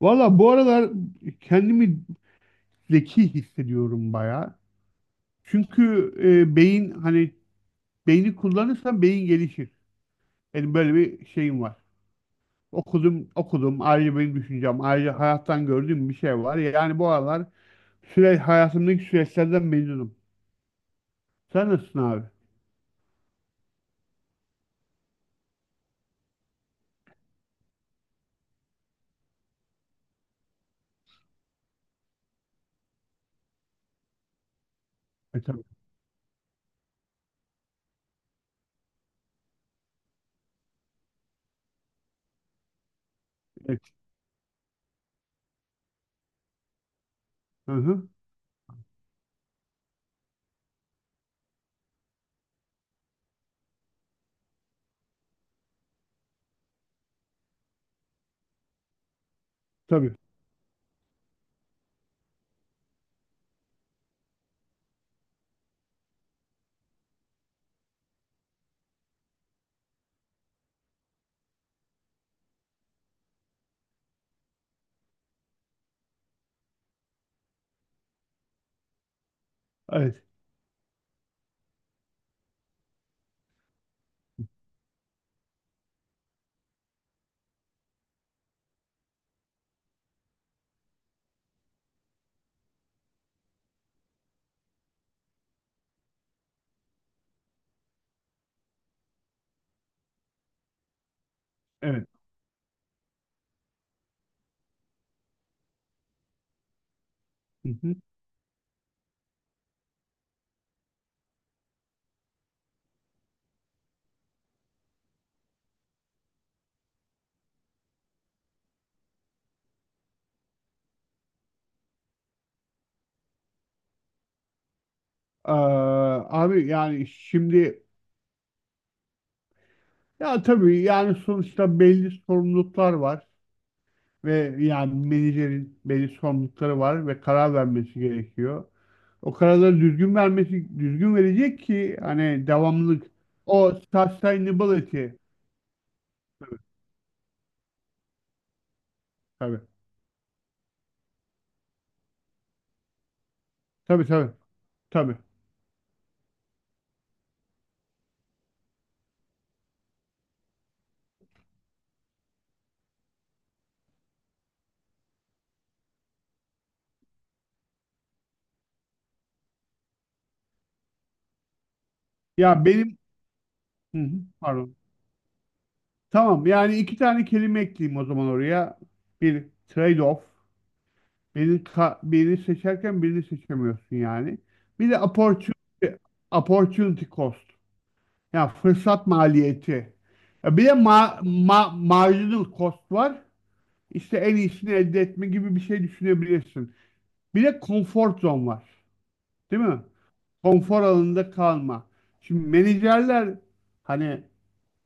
Valla bu aralar kendimi zeki hissediyorum bayağı. Çünkü beyin hani beyni kullanırsan beyin gelişir. Benim böyle bir şeyim var. Okudum, okudum. Ayrıca benim düşüncem, ayrıca hayattan gördüğüm bir şey var. Yani bu aralar hayatımdaki süreçlerden memnunum. Sen nasılsın abi? E, tabii. Evet. Hı hı. Tabii. Evet. Evet. Hı hı. Abi yani şimdi ya tabii yani sonuçta belli sorumluluklar var ve yani menajerin belli sorumlulukları var ve karar vermesi gerekiyor. O kararları düzgün vermesi, düzgün verecek ki hani devamlılık. O sustainability. Tabii. Tabii, tabii. Tabii. Ya benim. Hı hı, pardon. Tamam, yani iki tane kelime ekleyeyim o zaman oraya. Bir trade-off. Birini, birini seçerken birini seçemiyorsun yani. Bir de opportunity cost. Ya fırsat maliyeti. Ya bir de ma ma marginal cost var. İşte en iyisini elde etme gibi bir şey düşünebilirsin. Bir de comfort zone var. Değil mi? Konfor alanında kalma. Şimdi menajerler hani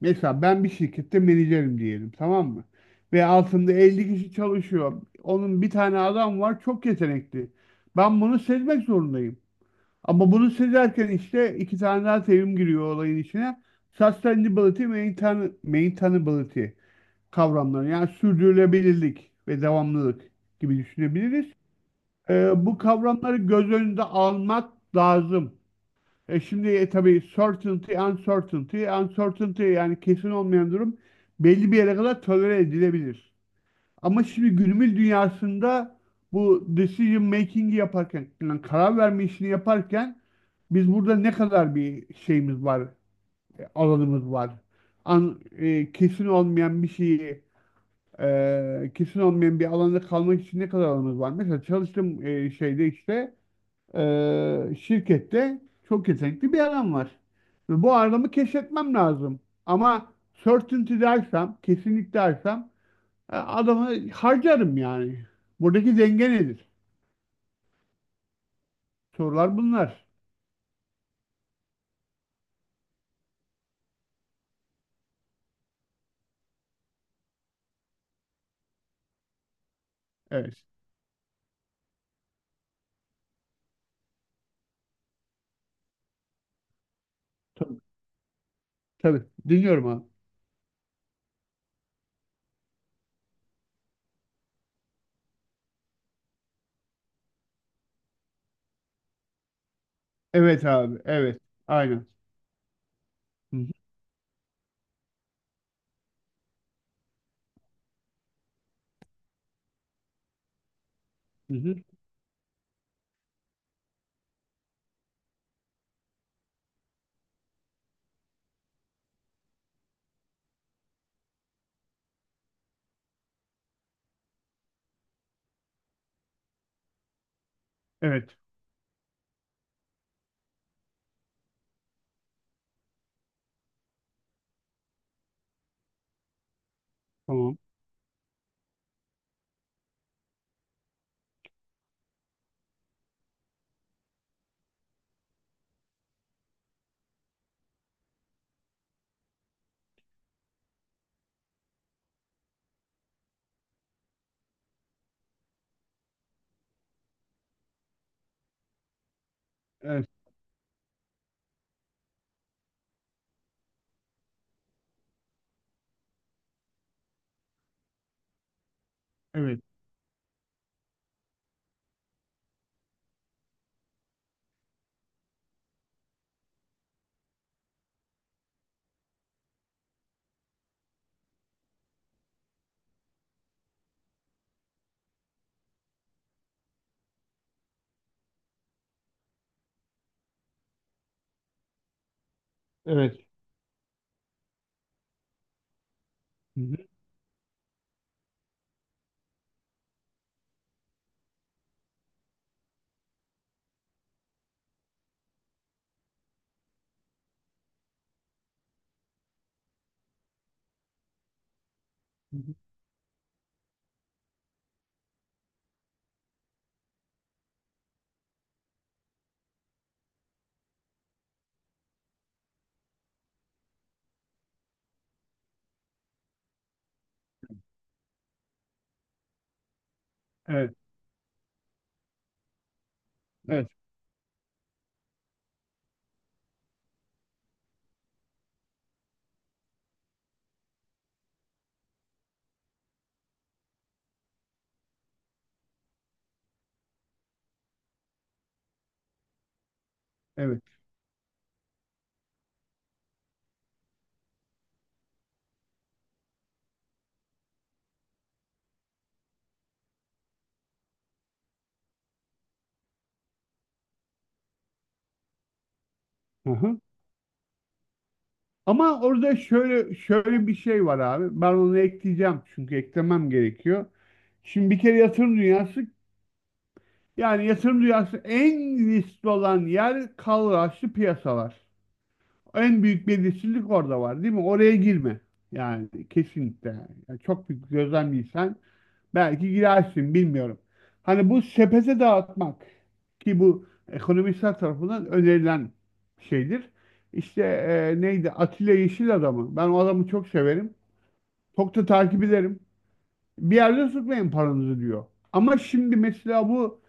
mesela ben bir şirkette menajerim diyelim, tamam mı? Ve altında 50 kişi çalışıyor. Onun bir tane adam var çok yetenekli. Ben bunu sezmek zorundayım. Ama bunu söylerken işte iki tane daha terim giriyor olayın içine. Sustainability, maintainability kavramları. Yani sürdürülebilirlik ve devamlılık gibi düşünebiliriz. Bu kavramları göz önünde almak lazım. Şimdi tabii certainty, uncertainty yani kesin olmayan durum belli bir yere kadar tolere edilebilir. Ama şimdi günümüz dünyasında bu decision making'i yaparken, yani karar verme işini yaparken biz burada ne kadar bir şeyimiz var, alanımız var. Kesin olmayan bir şeyi, kesin olmayan bir alanda kalmak için ne kadar alanımız var. Mesela çalıştığım şeyde işte şirkette çok yetenekli bir adam var. Ve bu adamı keşfetmem lazım. Ama certainty dersem, kesinlik dersem, adamı harcarım yani. Buradaki denge nedir? Sorular bunlar. Evet. Tabii. Tabii. Dinliyorum abi. Evet abi. Evet. Aynen. Hı hı. Hı hı. Evet. Tamam. Evet. Evet. Evet. Hı hı. Hı hı. Evet. Evet. Evet. Aha. Ama orada şöyle bir şey var abi. Ben onu ekleyeceğim çünkü eklemem gerekiyor. Şimdi bir kere yatırım dünyası, yani yatırım dünyası en riskli olan yer kalıraçlı piyasalar. En büyük belirsizlik orada var, değil mi? Oraya girme. Yani kesinlikle. Yani çok büyük gözlemliysen belki girersin bilmiyorum. Hani bu sepete dağıtmak ki bu ekonomistler tarafından önerilen şeydir. İşte neydi? Atilla Yeşil adamı. Ben o adamı çok severim. Çok da takip ederim. Bir yerde tutmayın paranızı diyor. Ama şimdi mesela bu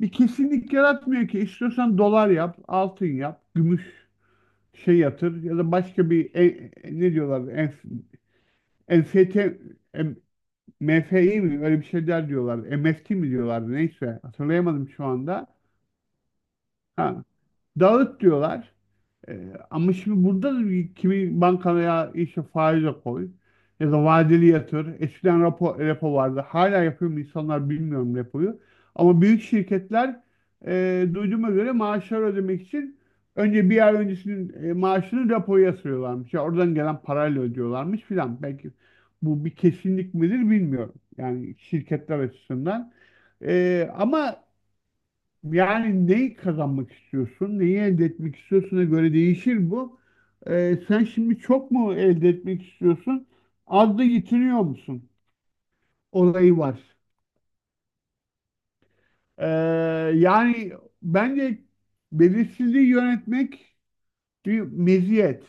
bir kesinlik yaratmıyor ki. İstiyorsan dolar yap, altın yap, gümüş şey yatır ya da başka bir ne diyorlar, NFT, em- MFI mi, öyle bir şeyler diyorlar. MFT mi diyorlardı, neyse, hatırlayamadım şu anda. Ha, dağıt diyorlar. Ee, Ama şimdi burada da kimi bankaya işte faize koy ya da vadeli yatır. Eskiden repo vardı. Hala yapıyor mu insanlar bilmiyorum repoyu. Ama büyük şirketler, duyduğuma göre maaşları ödemek için önce bir ay öncesinin maaşını repoya yatırıyorlarmış. Ya oradan gelen parayla ödüyorlarmış filan. Belki bu bir kesinlik midir bilmiyorum. Yani şirketler açısından. Ama yani neyi kazanmak istiyorsun, neyi elde etmek istiyorsun'a göre değişir bu. Sen şimdi çok mu elde etmek istiyorsun, az da yetiniyor musun? Olayı var. Ee, Yani bence belirsizliği yönetmek bir meziyet.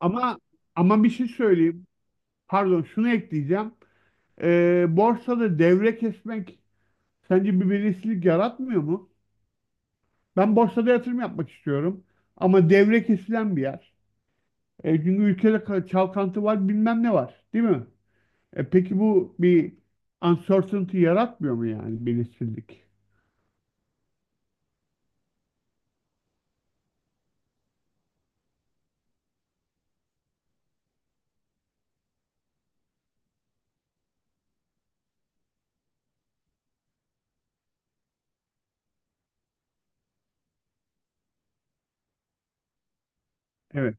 Ama ama bir şey söyleyeyim. Pardon, şunu ekleyeceğim. Borsada devre kesmek sence bir belirsizlik yaratmıyor mu? Ben borsada yatırım yapmak istiyorum. Ama devre kesilen bir yer. Çünkü ülkede çalkantı var, bilmem ne var, değil mi? Peki bu bir uncertainty yaratmıyor mu, yani belirsizlik? Evet.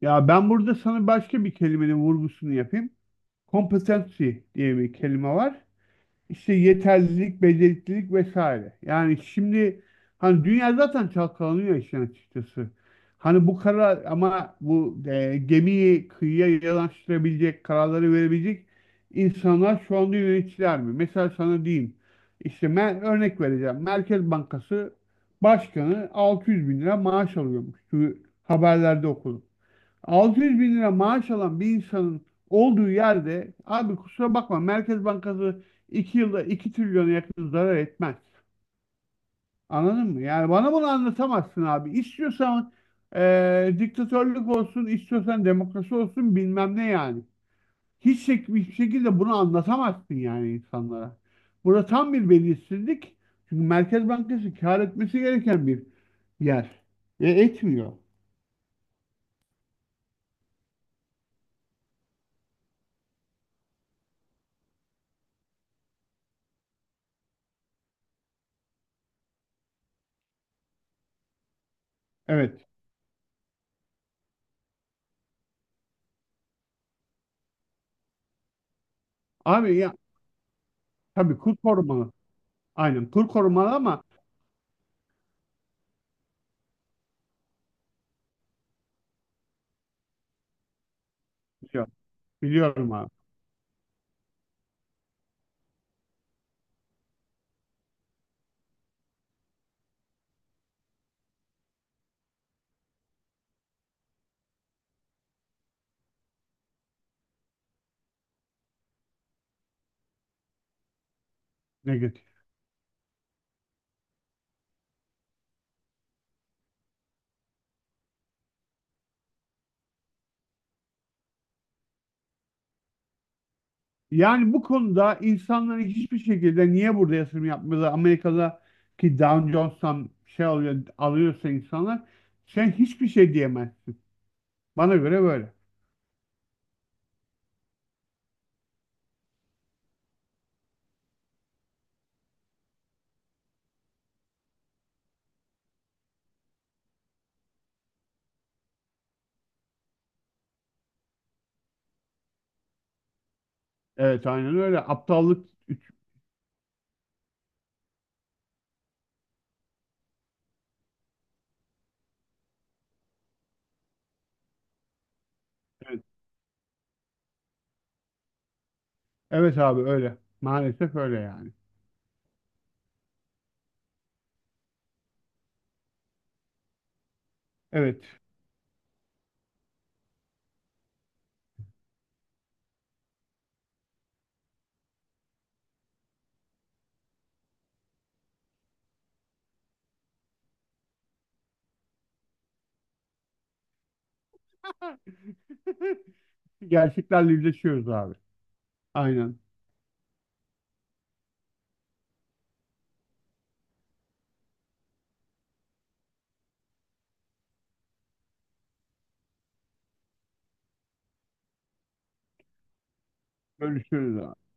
Ya ben burada sana başka bir kelimenin vurgusunu yapayım. Competency diye bir kelime var. İşte yeterlilik, beceriklilik vesaire. Yani şimdi hani dünya zaten çalkalanıyor işin açıkçası. Hani bu karar, ama bu gemiyi kıyıya yanaştırabilecek, kararları verebilecek insanlar şu anda yöneticiler mi? Mesela sana diyeyim. İşte ben örnek vereceğim. Merkez Bankası Başkanı 600 bin lira maaş alıyormuş. Şu haberlerde okudum. 600 bin lira maaş alan bir insanın olduğu yerde abi kusura bakma, Merkez Bankası 2 yılda 2 trilyona yakın zarar etmez. Anladın mı? Yani bana bunu anlatamazsın abi. İstiyorsan diktatörlük olsun, istiyorsan demokrasi olsun, bilmem ne yani. Hiçbir şekilde bunu anlatamazsın yani insanlara. Burada tam bir belirsizlik. Çünkü Merkez Bankası kâr etmesi gereken bir yer. Ve etmiyor. Evet. Abi ya tabii kur korumalı. Aynen kur korumalı ama biliyorum, biliyorum abi. Negatif. Yani bu konuda insanların hiçbir şekilde niye burada yatırım yapmıyorlar? Amerika'daki Dow Jones'tan şey alıyor, alıyorsa insanlar, sen hiçbir şey diyemezsin. Bana göre böyle. Evet, aynen öyle. Aptallık. Üçgen. Evet abi öyle. Maalesef öyle yani. Evet. Gerçeklerle yüzleşiyoruz abi. Aynen. Görüşürüz abi.